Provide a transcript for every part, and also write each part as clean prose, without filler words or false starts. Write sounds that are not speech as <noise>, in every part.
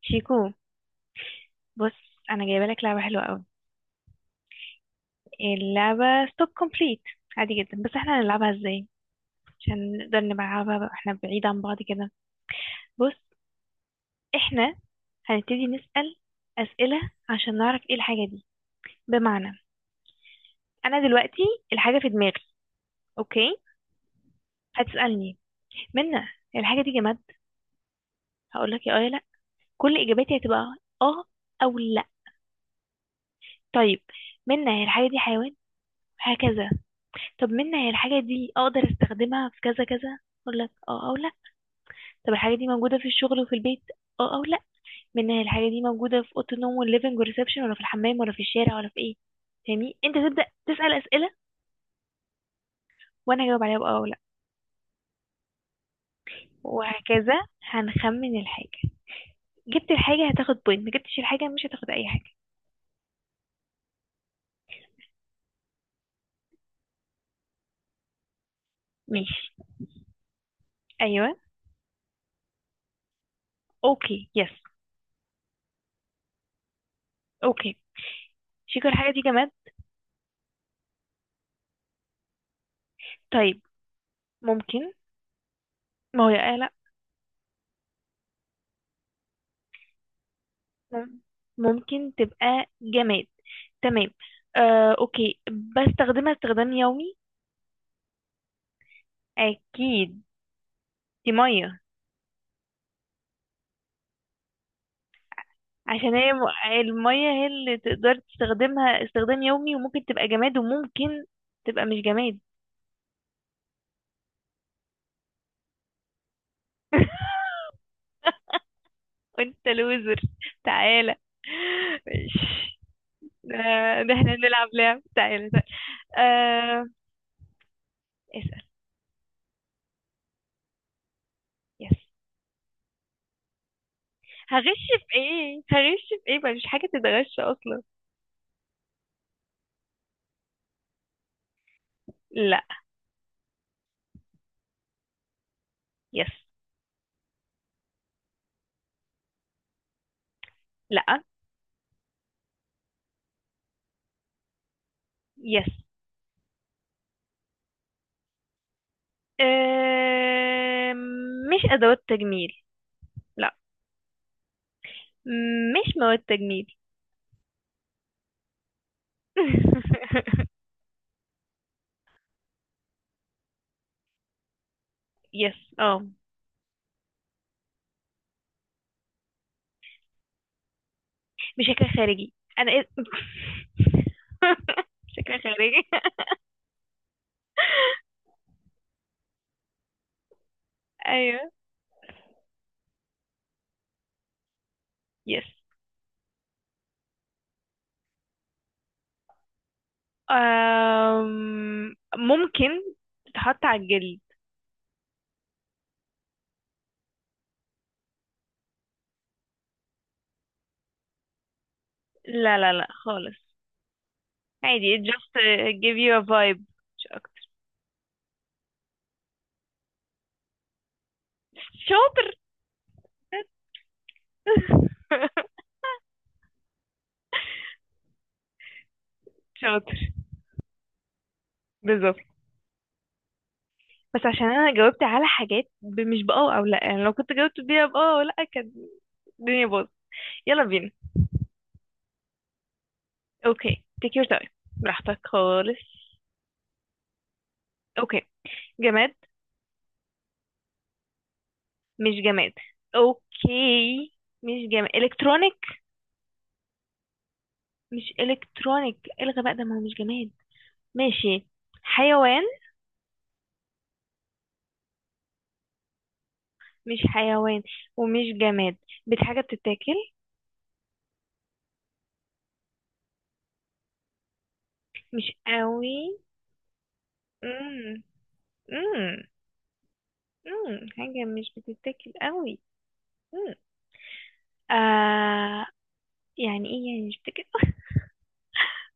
شيكو، بص، انا جايبه لك لعبه حلوه قوي. اللعبه ستوب كومبليت. عادي جدا، بس احنا هنلعبها ازاي؟ عشان نقدر نلعبها بقى احنا بعيد عن بعض كده. بص، احنا هنبتدي نسأل اسئله عشان نعرف ايه الحاجه دي. بمعنى، انا دلوقتي الحاجه في دماغي. اوكي، هتسألني: منى، الحاجه دي جماد؟ هقول لك يا اه يا لا. كل اجاباتي هتبقى اه او لا. طيب، منى هي الحاجه دي حيوان؟ هكذا. طب منى هي الحاجه دي اقدر استخدمها في كذا كذا؟ اقول لك اه او لا. طب الحاجة دي موجودة في الشغل وفي البيت؟ اه او لا. منها الحاجة دي موجودة في أوضة النوم والليفنج والريسبشن، ولا في الحمام، ولا في الشارع، ولا في ايه؟ فاهمني؟ انت تبدأ تسأل أسئلة وانا هجاوب عليها بأه او لا، وهكذا. هنخمن الحاجة. جبت الحاجة هتاخد بوينت، ما جبتش الحاجة مش هتاخد أي حاجة. ماشي. أيوه، اوكي، يس. اوكي، شكرا. الحاجة دي جماد؟ طيب، ممكن. ما هو يا آه لا. مم- ممكن تبقى جماد. تمام. آه اوكي، بستخدمها استخدام يومي؟ اكيد. دي مية. عشان هي م- المية هي اللي تقدر تستخدمها استخدام يومي، وممكن تبقى جماد، وممكن تبقى مش جماد. <laughs> وانت لوزر. تعالى، ماشي. ده، ده احنا نلعب لعب. تعالى تعالى. آه، اسأل. يس. هغش في ايه؟ هغش في ايه؟ مفيش حاجة تتغش اصلا. لا. يس. لا. يس. آه، مش ادوات تجميل. لا، مش مواد تجميل. <laughs> يس، اه. بشكل خارجي. انا إيه- <laughs> بشكل خارجي. <laughs> ايوه. يس. أم، ممكن تتحط على الجلد. لا لا لا خالص. عادي، it just give you a vibe. مش اكتر. شاطر. <laughs> شاطر. بالظبط. بس عشان انا جاوبت على حاجات ب- مش باه او لا. يعني لو كنت جاوبت بيها باه او لا كانت الدنيا باظت. يلا بينا. اوكي، تيك يور تايم. براحتك خالص. اوكي. جماد؟ مش جماد. اوكي، مش جماد. الكترونيك؟ مش الكترونيك. الغى بقى ده ما هو مش جماد. ماشي. حيوان؟ مش حيوان، ومش جماد. حاجه بتتاكل؟ مش قوي؟ امم. امم. حاجه مش بتتاكل قوي. امم آه، يعني ايه يعني مش بتتاكل؟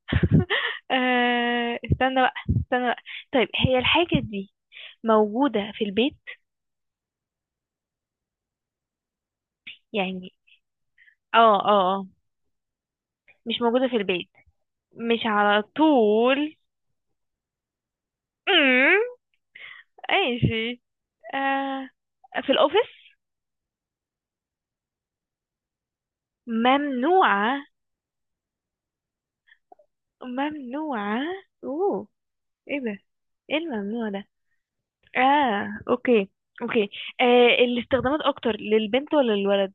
<laughs> آه، استنى بقى، استنى بقى. طيب، هي الحاجه دي موجوده في البيت؟ يعني اه اه اه. مش موجوده في البيت؟ مش على طول. امم ماشي. آه، في الاوفيس؟ ممنوعة؟ ممنوعة. اوه، ايه ده؟ ايه الممنوع ده؟ اه اوكي. اوكي. آه، الاستخدامات اكتر للبنت ولا للولد؟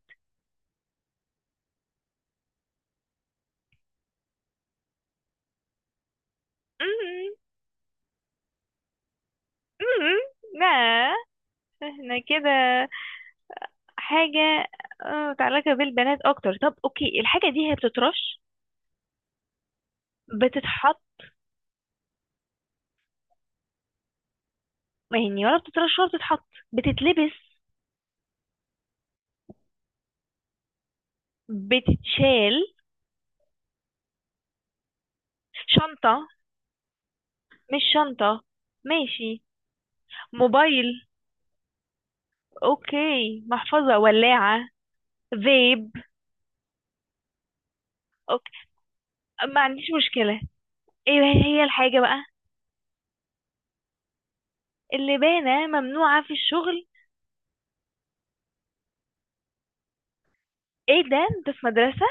مم. مم. لا. احنا كده. حاجة آه، متعلقة بالبنات اكتر. طب اوكي، الحاجة دي هي بتترش؟ بتتحط؟ يعني ولا بتترش ولا بتتحط؟ بتتلبس؟ بتتشال؟ شنطة؟ مش شنطة؟ ماشي. موبايل؟ اوكي، محفظة، ولاعة، فيب. اوكي، ما عنديش مشكلة. ايه هي الحاجة بقى اللي باينة ممنوعة في الشغل؟ ايه ده؟ انت في مدرسة؟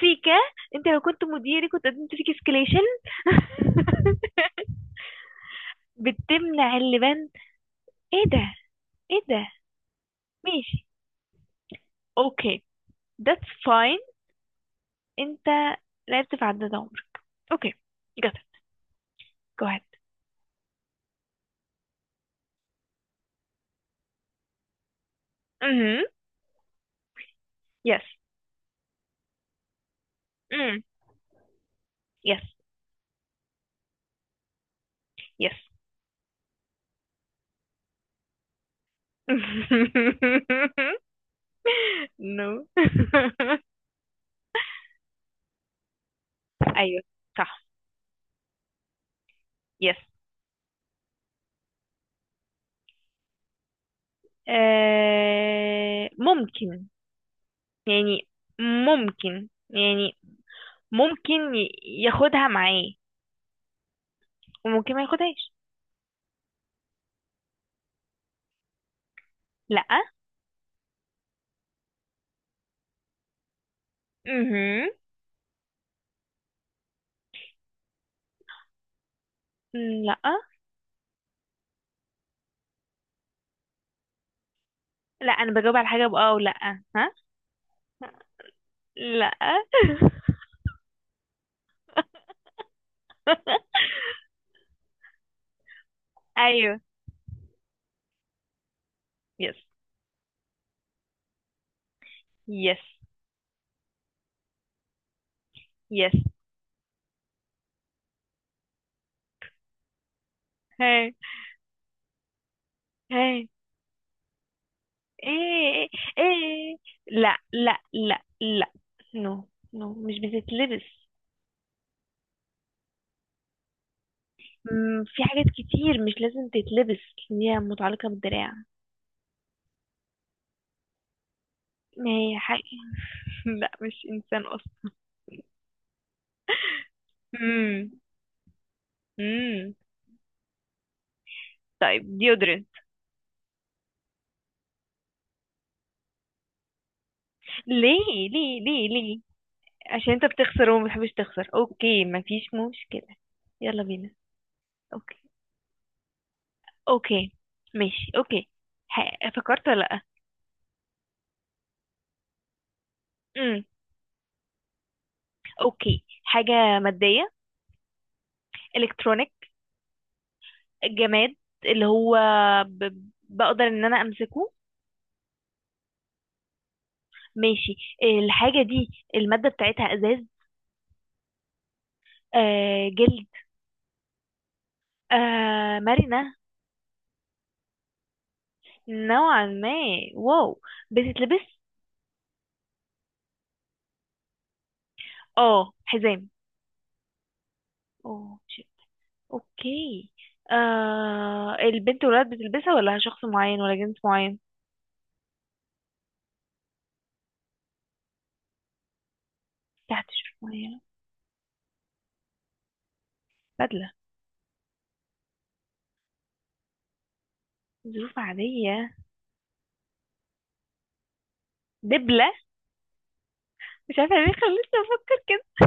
سيكا. انت لو كنت مديري كنت قدمت فيك اسكليشن. <laughs> بتمنع اللبان؟ ايه ده؟ ايه ده؟ ماشي، اوكي. That's fine. انت لعبت في عداد عمرك. اوكي. Got it. Go ahead. امم yes. امم yes. yes. <laughs> نو. <laughs> ايوه، صح. يس. آه ممكن يعني. ممكن يعني. ممكن ي- ياخدها معاه وممكن ما ياخدهاش. لا. مهم. لا، لا، انا بجاوب على حاجه بأه او لا، ها. لا. <laughs> ايوه. يس. يس. يس. هاي، هاي. ايه، ايه. لا لا لا لا. نو. نو، مش بتتلبس. مم، في حاجات كتير مش لازم تتلبس. ان هي متعلقة بالدراع، ما هي حاجة. <laughs> لا، مش انسان اصلا. امم. امم. طيب، ديودرنت؟ ليه، ليه، ليه، ليه؟ عشان انت بتخسر وما بتحبش تخسر. اوكي، مفيش مشكلة. يلا بينا. اوكي. اوكي، ماشي، اوكي. فكرت ولا لا؟ امم. اوكي، حاجة مادية. الكترونيك؟ جماد، اللي هو ب، بقدر ان انا امسكه. ماشي. آه، الحاجة دي المادة بتاعتها ازاز؟ آه، جلد؟ آه، مرنة؟ نوعا ما. واو. بتتلبس؟ اه، حزام؟ اوه شيت. اوكي. آه، البنت والولاد بتلبسها، ولا شخص معين ولا جنس معين؟ تحت شروط معينة. بدلة؟ ظروف عادية. دبلة؟ مش عارفة ليه خلتني افكر كده.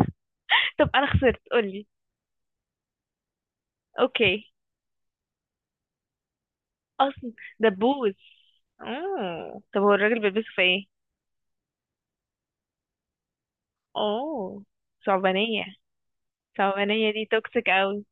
طب انا خسرت، قولي. اوكي. اصل، دبوس؟ اوه، طب هو الراجل بيلبسه في ايه؟ اوه، ثعبانية. الصعبانية دي توكسيك قوي.